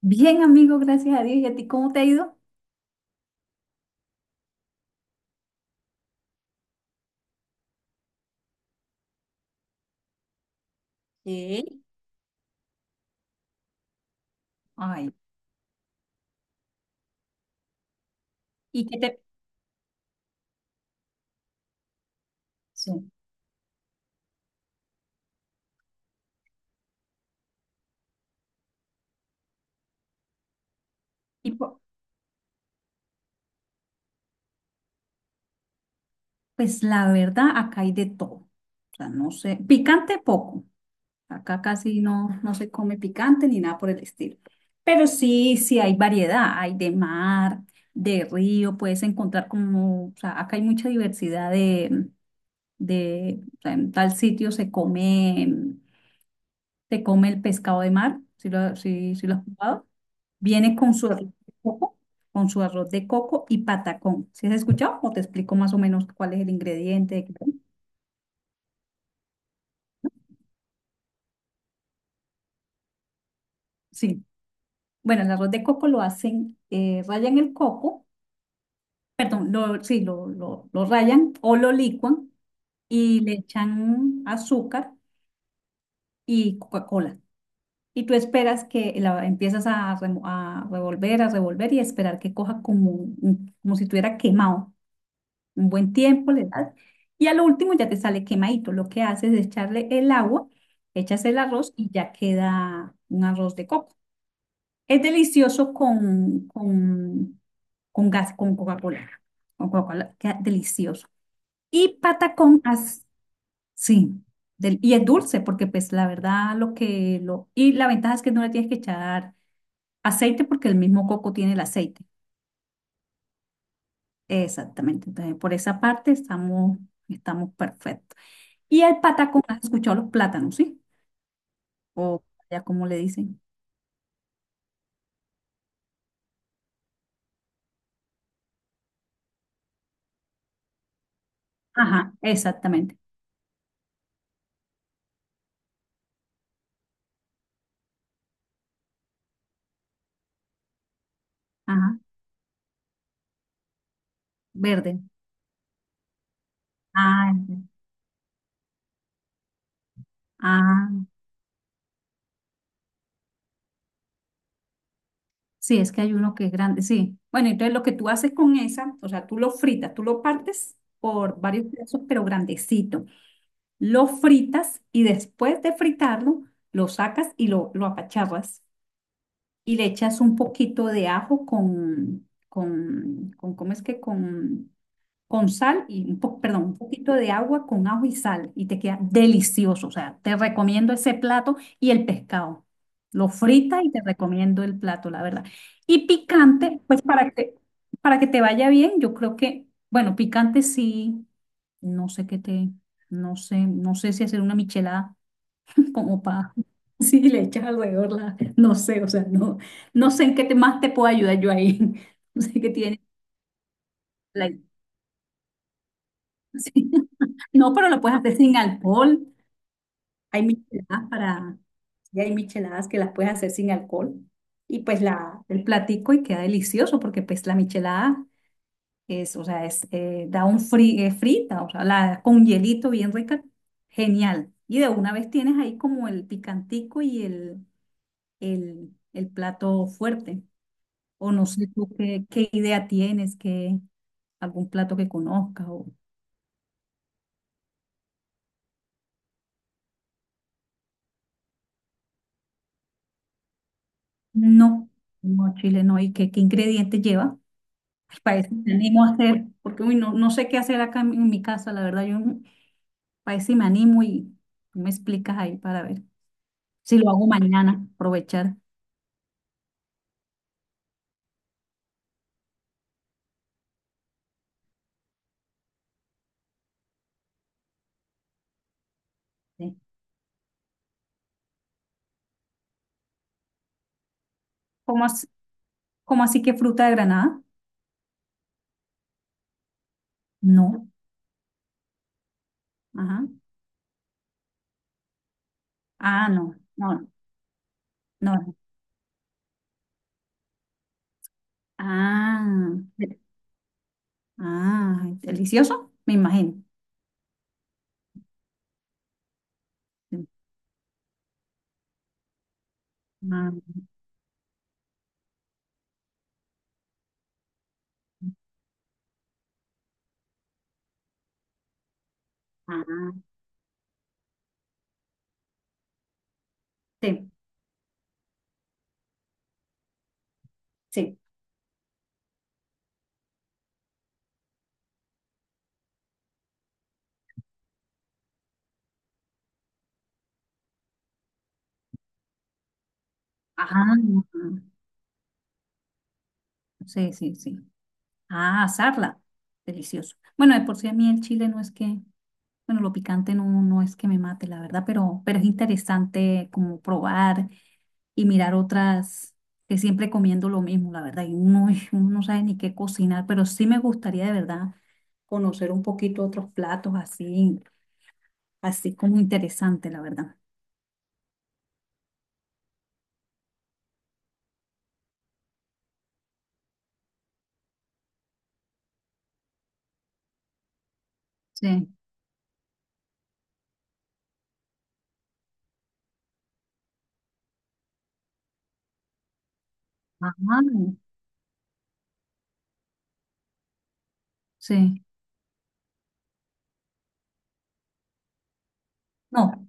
Bien, amigo, gracias a Dios. ¿Y a ti cómo te ha ido? Sí, ay, ¿y qué te... Sí. Y po- pues la verdad, acá hay de todo. O sea, no sé, picante poco. Acá casi no se come picante ni nada por el estilo. Pero sí, hay variedad. Hay de mar, de río, puedes encontrar como, o sea, acá hay mucha diversidad o sea, en tal sitio se come el pescado de mar, si lo, si, lo has probado. Viene con su arroz de coco, con su arroz de coco y patacón. ¿Sí has escuchado? O te explico más o menos cuál es el ingrediente. Sí. Bueno, el arroz de coco lo hacen, rayan el coco, perdón, lo rayan o lo licuan y le echan azúcar y Coca-Cola. Y tú esperas que la empiezas a, a revolver y esperar que coja como, como si estuviera quemado. Un buen tiempo le das y a lo último ya te sale quemadito. Lo que haces es echarle el agua, echas el arroz y ya queda un arroz de coco. Es delicioso con gas, con Coca-Cola. Con Coca-Cola, queda delicioso. Y sí, y es dulce porque pues la verdad lo que lo... Y la ventaja es que no le tienes que echar aceite porque el mismo coco tiene el aceite. Exactamente. Entonces, por esa parte estamos perfectos. Y el patacón, ¿has escuchado los plátanos, sí? O ya como le dicen. Ajá, exactamente. Ajá, verde. Ah, ya. Ah, sí, es que hay uno que es grande, sí. Bueno, entonces lo que tú haces con esa, o sea, tú lo fritas, tú lo partes por varios pedazos, pero grandecito. Lo fritas y después de fritarlo, lo sacas y lo apacharras. Y le echas un poquito de ajo con, ¿cómo es que? Con sal y un perdón, un poquito de agua con ajo y sal y te queda delicioso. O sea, te recomiendo ese plato y el pescado. Lo frita y te recomiendo el plato, la verdad. Y picante, para que te vaya bien, yo creo que, bueno, picante sí, no sé qué te, no sé, no sé si hacer una michelada como para, si le echas alrededor la, no sé, o sea, no, no sé en qué te, más te puedo ayudar yo ahí. No sé qué tiene. la- sí. No, pero lo puedes hacer sin alcohol. Hay micheladas para, y hay micheladas que las puedes hacer sin alcohol. Y pues el platico y queda delicioso porque pues la michelada es, o sea, es, da un frita, o sea, la, con hielito bien rica, genial. Y de una vez tienes ahí como el picantico y el plato fuerte. O no sé tú qué idea tienes, que algún plato que conozcas o no, no, Chile no, y qué ingredientes lleva. Para eso me animo a hacer, porque uy, no, no sé qué hacer acá en mi casa, la verdad. Yo no- Para eso sí me animo y tú me explicas ahí para ver si lo hago mañana, aprovechar. ¿Sí? ¿Cómo así, ¿cómo así que fruta de Granada? No. Ajá. Ah, no, no. No. Ah, ah, delicioso, me imagino. Sí. Ah, ah, sí, sí. Ah, sí. Ah, asarla, delicioso. Bueno, de por sí a mí el chile no es que bueno, lo picante no, no es que me mate, la verdad, pero es interesante como probar y mirar otras, que siempre comiendo lo mismo, la verdad, y uno, uno no sabe ni qué cocinar, pero sí me gustaría de verdad conocer un poquito otros platos así, así como interesante, la verdad. Sí. Ajá. Sí. No.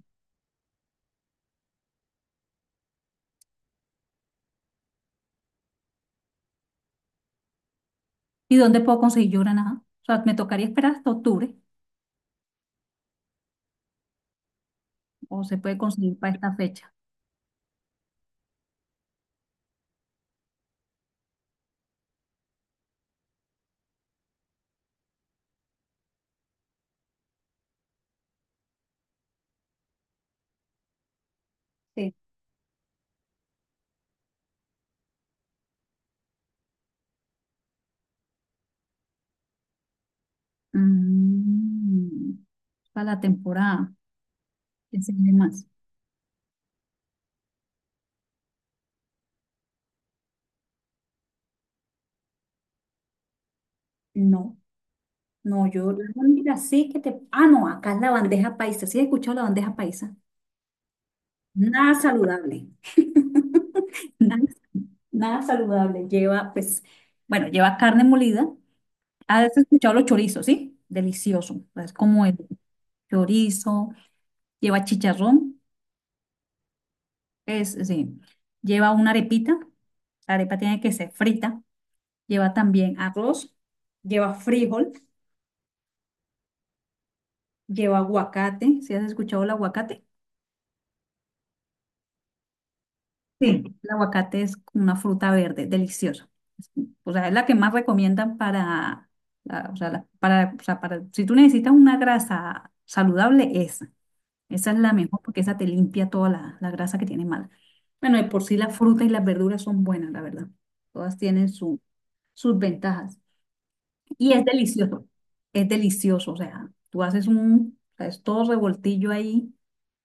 ¿Y dónde puedo conseguir yo granada? O sea, me tocaría esperar hasta octubre, o se puede conseguir para esta fecha. Sí. Mm, para la temporada. ¿Qué se vende más? No. No, yo la única sí que te... Ah, no, acá es la bandeja paisa. ¿Sí has escuchado la bandeja paisa? Nada saludable. Nada, nada saludable. Lleva, pues, bueno, lleva carne molida. Has escuchado los chorizos, ¿sí? Delicioso. Es como el chorizo, lleva chicharrón, es, sí. Lleva una arepita. La arepa tiene que ser frita. Lleva también arroz, lleva frijol, lleva aguacate. ¿Sí has escuchado el aguacate? Sí, el aguacate es como una fruta verde, deliciosa. Es- o sea, es la que más recomiendan para, o sea, o sea, para, si tú necesitas una grasa saludable, esa. Esa es la mejor porque esa te limpia toda la grasa que tiene mala. Bueno, de por sí las frutas y las verduras son buenas, la verdad. Todas tienen sus ventajas. Y es delicioso, es delicioso. O sea, tú haces un, o sea, es todo revoltillo ahí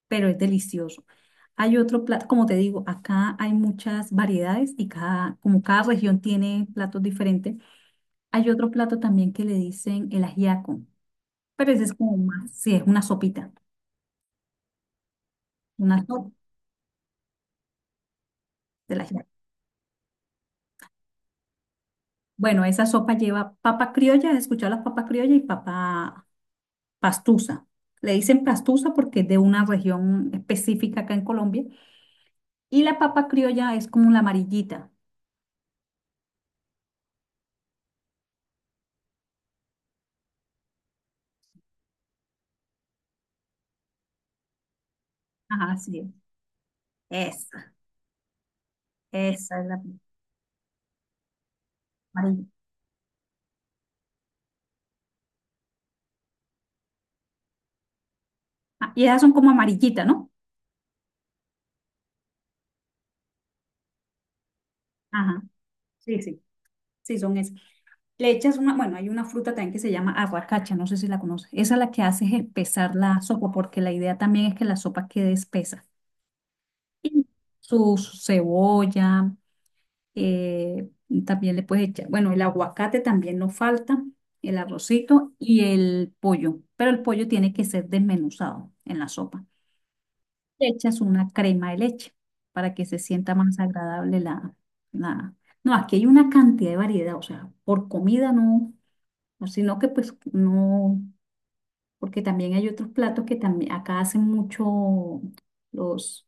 pero es delicioso. Hay otro plato, como te digo, acá hay muchas variedades y cada, como cada región tiene platos diferentes, hay otro plato también que le dicen el ajiaco, pero ese es como más, sí, es una sopita, una sopa del ajiaco. Bueno, esa sopa lleva papa criolla, ¿has escuchado las papas criollas y papa pastusa? Le dicen pastusa porque es de una región específica acá en Colombia y la papa criolla es como la amarillita. Ajá, sí, esa, esa es la amarilla. Ah, y esas son como amarillitas, ¿no? Ajá, sí. Sí, son esas. Le echas una, bueno, hay una fruta también que se llama aguacacha, no sé si la conoces. Esa la que hace es espesar la sopa, porque la idea también es que la sopa quede espesa. Y su, su cebolla, eh, también le puedes echar, bueno, el aguacate también no falta, el arrocito y el pollo, pero el pollo tiene que ser desmenuzado en la sopa. Le echas una crema de leche para que se sienta más agradable la, la... No, aquí hay una cantidad de variedad, o sea, por comida no, no, sino que pues no, porque también hay otros platos que también acá hacen mucho los,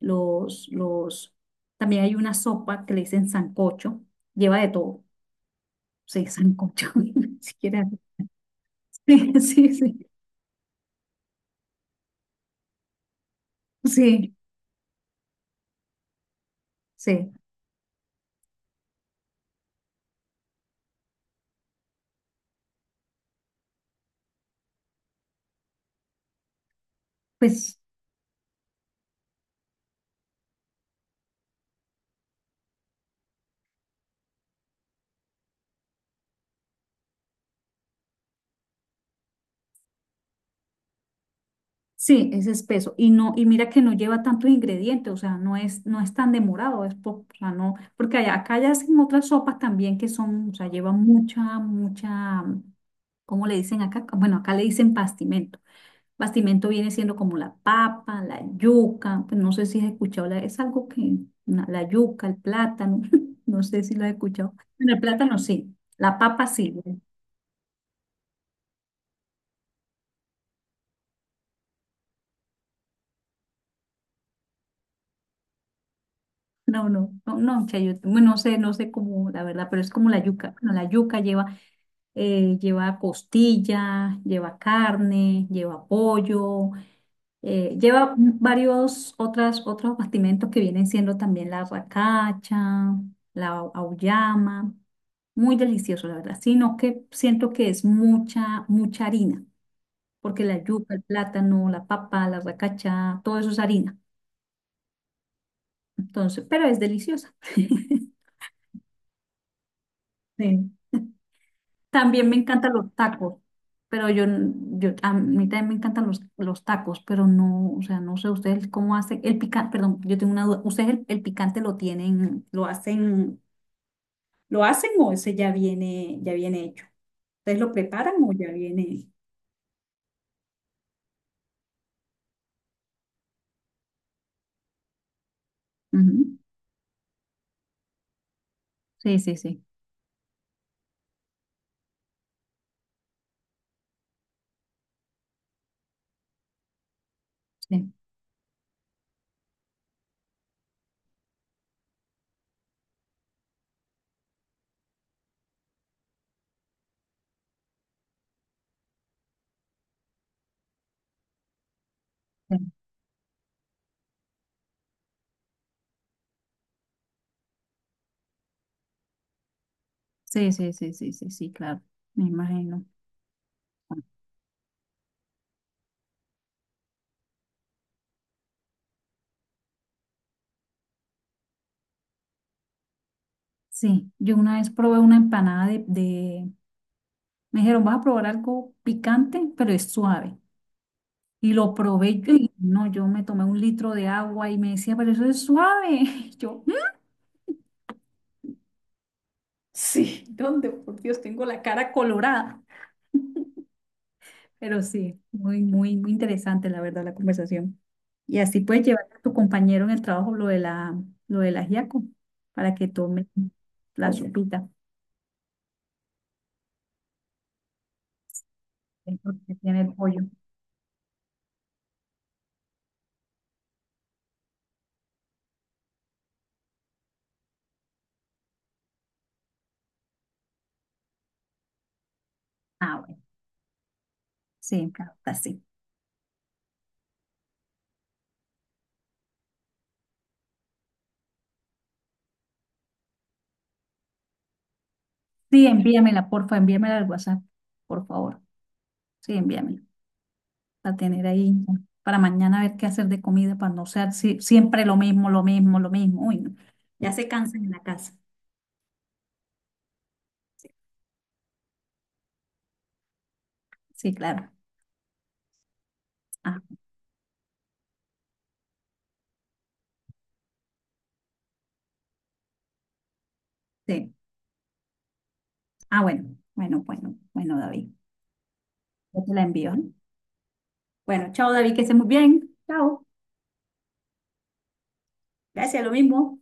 los, también hay una sopa que le dicen sancocho, lleva de todo, sí, sancocho, ni siquiera, sí, sí, sí, sí, sí, pues... Sí, es espeso y no y mira que no lleva tantos ingredientes, o sea, no es tan demorado, es o sea, no, porque acá ya hacen otras sopas también que son, o sea, llevan mucha ¿cómo le dicen acá? Bueno, acá le dicen bastimento. Bastimento viene siendo como la papa, la yuca, pues no sé si has escuchado, la- es algo que una- la yuca, el plátano, no sé si lo has escuchado. Bueno, el plátano sí, la papa sí. No, no, no, no, chayote. Bueno, no sé, no sé cómo, la verdad, pero es como la yuca. Bueno, la yuca lleva lleva costilla, lleva carne, lleva pollo, lleva varios otros bastimentos que vienen siendo también la racacha, auyama. Muy delicioso, la verdad, sino que siento que es mucha, mucha harina, porque la yuca, el plátano, la papa, la racacha, todo eso es harina. Entonces, pero es deliciosa. Sí. También me encantan los tacos, pero yo a mí también me encantan los tacos, pero no, o sea, no sé ustedes cómo hacen el picante, perdón, yo tengo una duda, ¿ustedes el picante lo tienen, lo hacen o ese ya viene hecho? ¿Ustedes lo preparan o ya viene? Ujú. Sí, sí, sí, sí, sí, sí, sí, sí, sí, sí, claro, me imagino. Sí, yo una vez probé una empanada de, me dijeron, vas a probar algo picante, pero es suave. Y lo probé y no, yo me tomé un litro de agua y me decía, pero eso es suave. Yo, "Mm, sí, ¿dónde? Por Dios, tengo la cara colorada. Pero sí, muy, muy, muy interesante la verdad la conversación. Y así puedes llevar a tu compañero en el trabajo lo de lo del ajiaco para que tome la sopita dentro que tiene el pollo. Ah, bueno, sí, claro, está así. Sí, envíamela, porfa, envíamela al WhatsApp, por favor. Sí, envíamela. A tener ahí ¿no? para mañana ver qué hacer de comida para no ser siempre lo mismo, lo mismo, lo mismo. Uy, no. Ya se cansa en la casa. Sí, claro. Ah, sí. Ah, bueno, David. Yo te la envío, ¿eh? Bueno, chao, David, que estés muy bien. Chao. Gracias, lo mismo.